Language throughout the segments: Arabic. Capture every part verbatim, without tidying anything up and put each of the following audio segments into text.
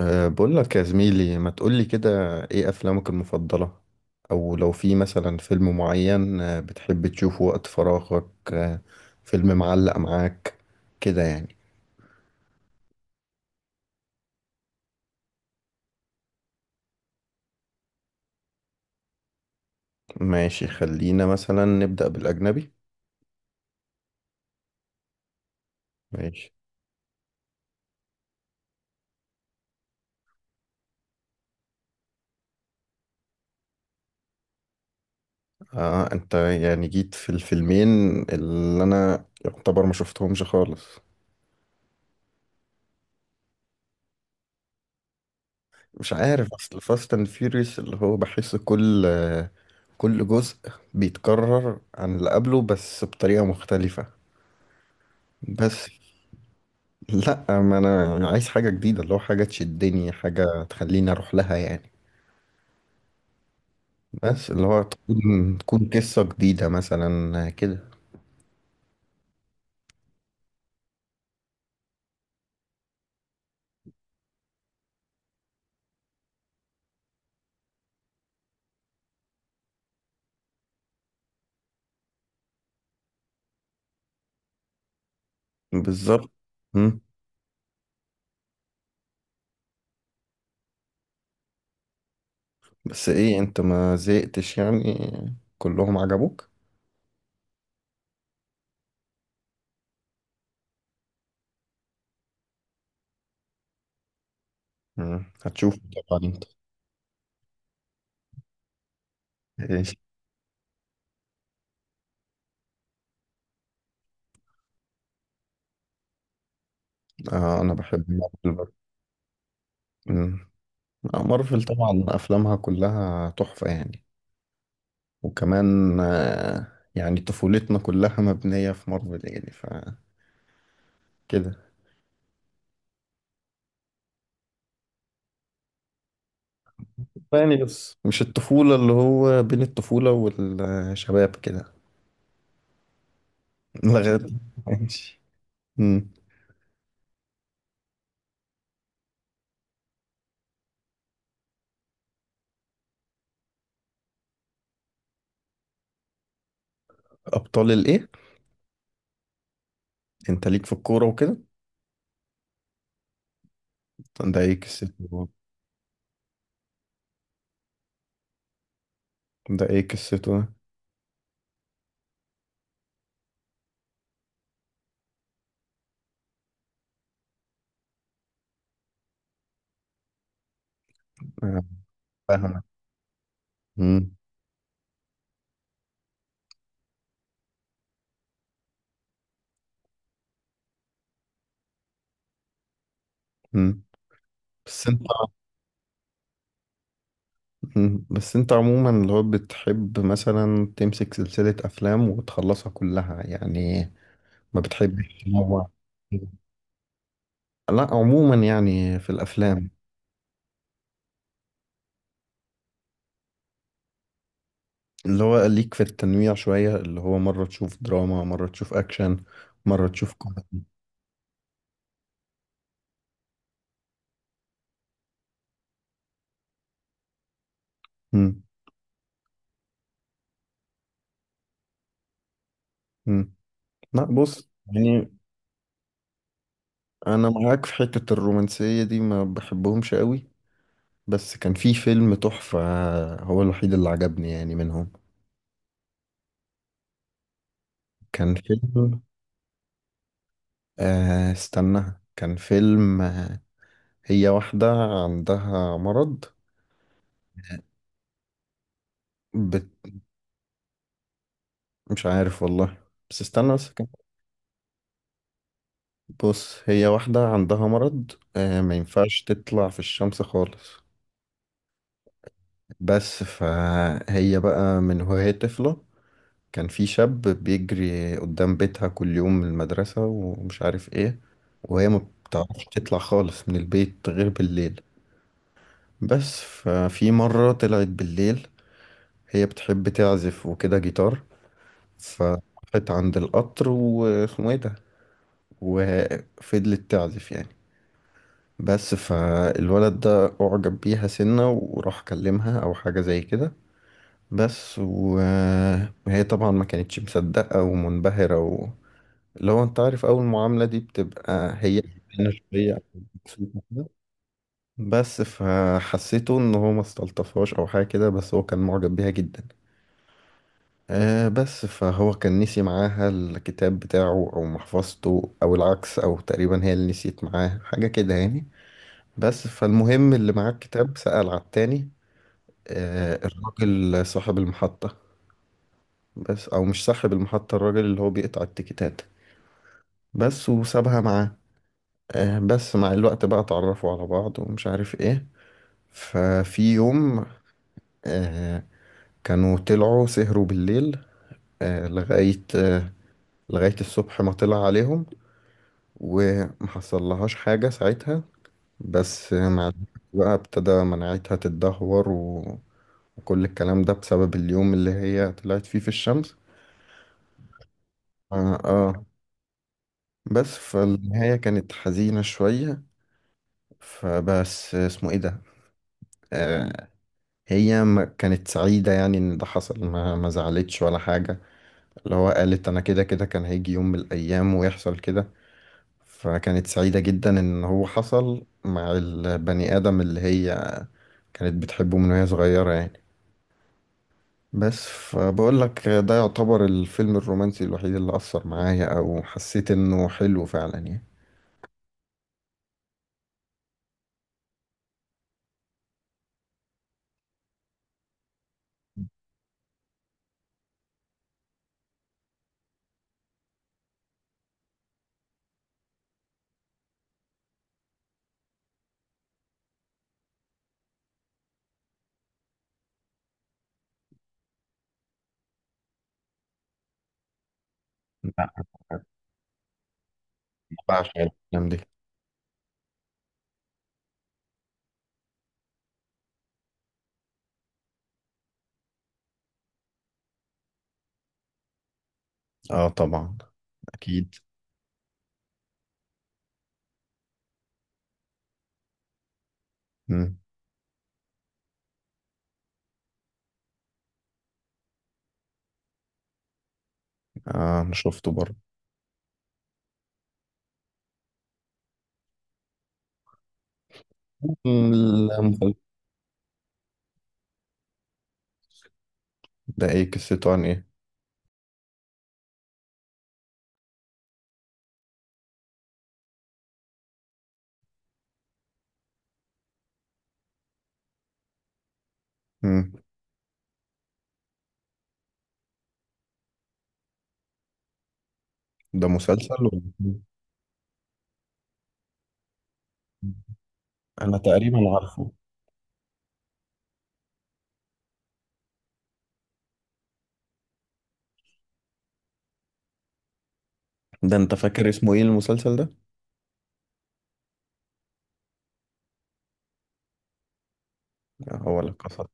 أه بقول لك يا زميلي ما تقولي كده. ايه افلامك المفضلة؟ او لو في مثلا فيلم معين، آه، بتحب تشوفه وقت فراغك، آه، فيلم معلق معاك كده يعني. ماشي، خلينا مثلا نبدأ بالأجنبي. ماشي. اه، انت يعني جيت في الفيلمين اللي انا يعتبر ما شفتهمش خالص. مش عارف، اصل فاست اند فيوريوس اللي هو بحس كل آه، كل جزء بيتكرر عن اللي قبله بس بطريقة مختلفة. بس. لا، ما انا أنا عايز حاجه جديده، اللي هو حاجه تشدني، حاجه تخليني اروح لها يعني. بس اللي هو تكون تكون قصه جديده مثلا كده. بالظبط. مم. بس ايه انت ما زهقتش يعني؟ كلهم عجبوك؟ مم. هتشوف طبعا انت. ايش؟ آه، انا بحب مارفل برضه. مم. آه، مارفل طبعا افلامها كلها تحفه يعني. وكمان آه يعني طفولتنا كلها مبنيه في مارفل يعني، فكده يعني. بس مش الطفولة، اللي هو بين الطفولة والشباب كده. لغاية. ماشي. مم. أبطال الإيه؟ أنت ليك في الكورة وكده؟ ده إيه قصته؟ ده إيه قصته ده؟ أنا فاهمك. مم. مم. بس أنت مم. بس أنت عموما اللي هو بتحب مثلا تمسك سلسلة أفلام وتخلصها كلها يعني؟ ما بتحبش تنوع؟ لا، عموما يعني في الأفلام اللي هو ليك في التنويع شوية، اللي هو مرة تشوف دراما، مرة تشوف أكشن، مرة تشوف كوميدي. مم. مم. لا، بص يعني، أنا معاك في حتة الرومانسية دي، ما بحبهمش قوي. بس كان في فيلم تحفة، هو الوحيد اللي عجبني يعني منهم. كان فيلم آه استنى، كان فيلم. هي واحدة عندها مرض. بت... مش عارف والله. بس استنى، بس كان- بص، هي واحدة عندها مرض، آه ما ينفعش تطلع في الشمس خالص. بس فهي بقى من وهي طفلة، كان في شاب بيجري قدام بيتها كل يوم من المدرسة ومش عارف ايه. وهي ما بتعرفش تطلع خالص من البيت غير بالليل. بس ففي مرة طلعت بالليل، هي بتحب تعزف وكده جيتار، فراحت عند القطر واسمه ايه ده، وفضلت تعزف يعني. بس فالولد ده أعجب بيها سنة وراح كلمها أو حاجة زي كده. بس و... وهي طبعا ما كانتش مصدقة ومنبهرة و... لو انت عارف اول معاملة دي بتبقى هي أنا شوية مبسوطة كده. بس فحسيته ان هو ما استلطفهاش او حاجة كده، بس هو كان معجب بيها جدا. آه بس فهو كان نسي معاها الكتاب بتاعه او محفظته، او العكس، او تقريبا هي اللي نسيت معاه حاجة كده يعني. بس فالمهم اللي معاه الكتاب سأل على التاني، آه الراجل صاحب المحطة. بس، او مش صاحب المحطة، الراجل اللي هو بيقطع التيكيتات. بس وسابها معاه. آه بس مع الوقت بقى اتعرفوا على بعض ومش عارف ايه. ففي يوم، آه كانوا طلعوا سهروا بالليل، آه لغاية آه لغاية الصبح ما طلع عليهم، ومحصلهاش حاجة ساعتها. بس آه، مع الوقت بقى ابتدى مناعتها تتدهور و... وكل الكلام ده بسبب اليوم اللي هي طلعت فيه في الشمس. اه، آه. بس فالنهاية كانت حزينة شوية. فبس اسمه ايه ده. آه. هي ما كانت سعيدة يعني ان ده حصل، ما, ما زعلتش ولا حاجة. اللي هو قالت انا كده كده كان هيجي يوم من الايام ويحصل كده. فكانت سعيدة جدا ان هو حصل مع البني ادم اللي هي كانت بتحبه من وهي صغيرة يعني. بس فبقول لك، ده يعتبر الفيلم الرومانسي الوحيد اللي أثر معايا أو حسيت إنه حلو فعلا يعني. لا، أنا بعشق الأفلام دي. آه طبعا. أكيد. مم. آه، أنا شفته برضه. المسلسلات. ده ايه قصته، عن ايه؟ مم. ده مسلسل ولا فيلم؟ انا تقريبا عارفه. ده انت فاكر اسمه ايه المسلسل ده؟ هو لا كاسا.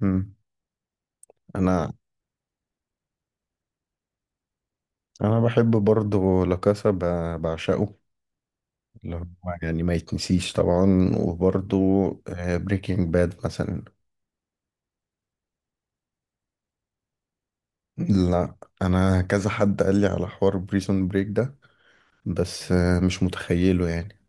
مم. انا انا بحب برضه لا كاسا، ب- بعشقه. اللي هو يعني ما يتنسيش طبعا، وبرضه بريكنج باد مثلا. لا. انا كذا حد قال لي على حوار بريسون بريك ده، بس آه، مش متخيله يعني.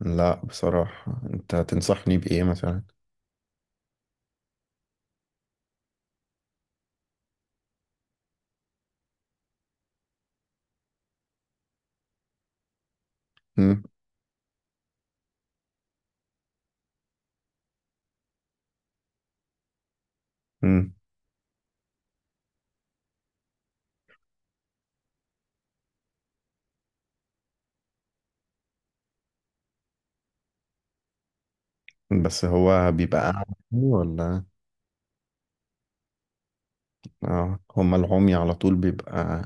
لا، بصراحة انت تنصحني بايه مثلا؟ مم. مم. بس هو بيبقى ف- أعمى يعني، ولا؟ اه، هما العمي على طول بيبقى،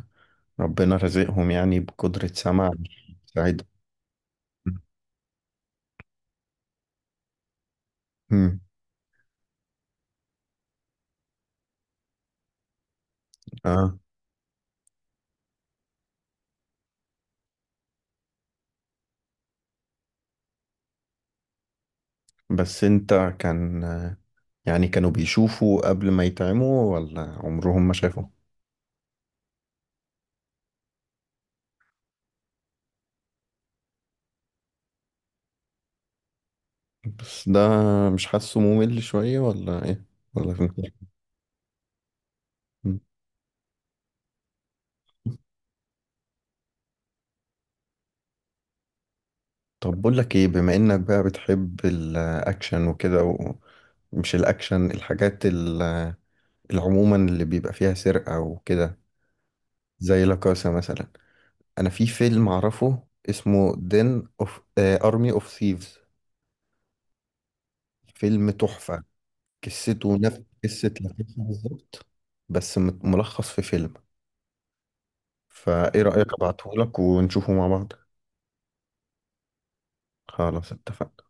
ربنا رزقهم يعني بقدرة سمع سعيد. اه. بس انت كان يعني كانوا بيشوفوا قبل ما يتعموا ولا عمرهم ما شافوا؟ بس ده مش حاسه ممل شوية ولا ايه، ولا فين؟ مم. طب بقول لك ايه، بما انك بقى بتحب الاكشن وكده و- مش الاكشن، الحاجات عموما اللي بيبقى فيها سرقة وكده، زي لاكاسا مثلا. أنا في فيلم أعرفه، اسمه دين أوف آه، أرمي أوف ثيفز. فيلم تحفة. قصته نفس قصة لاكاسا بالظبط، بس مت- ملخص في فيلم. فإيه رأيك أبعتهولك ونشوفه مع بعض؟ خلاص اتفقنا.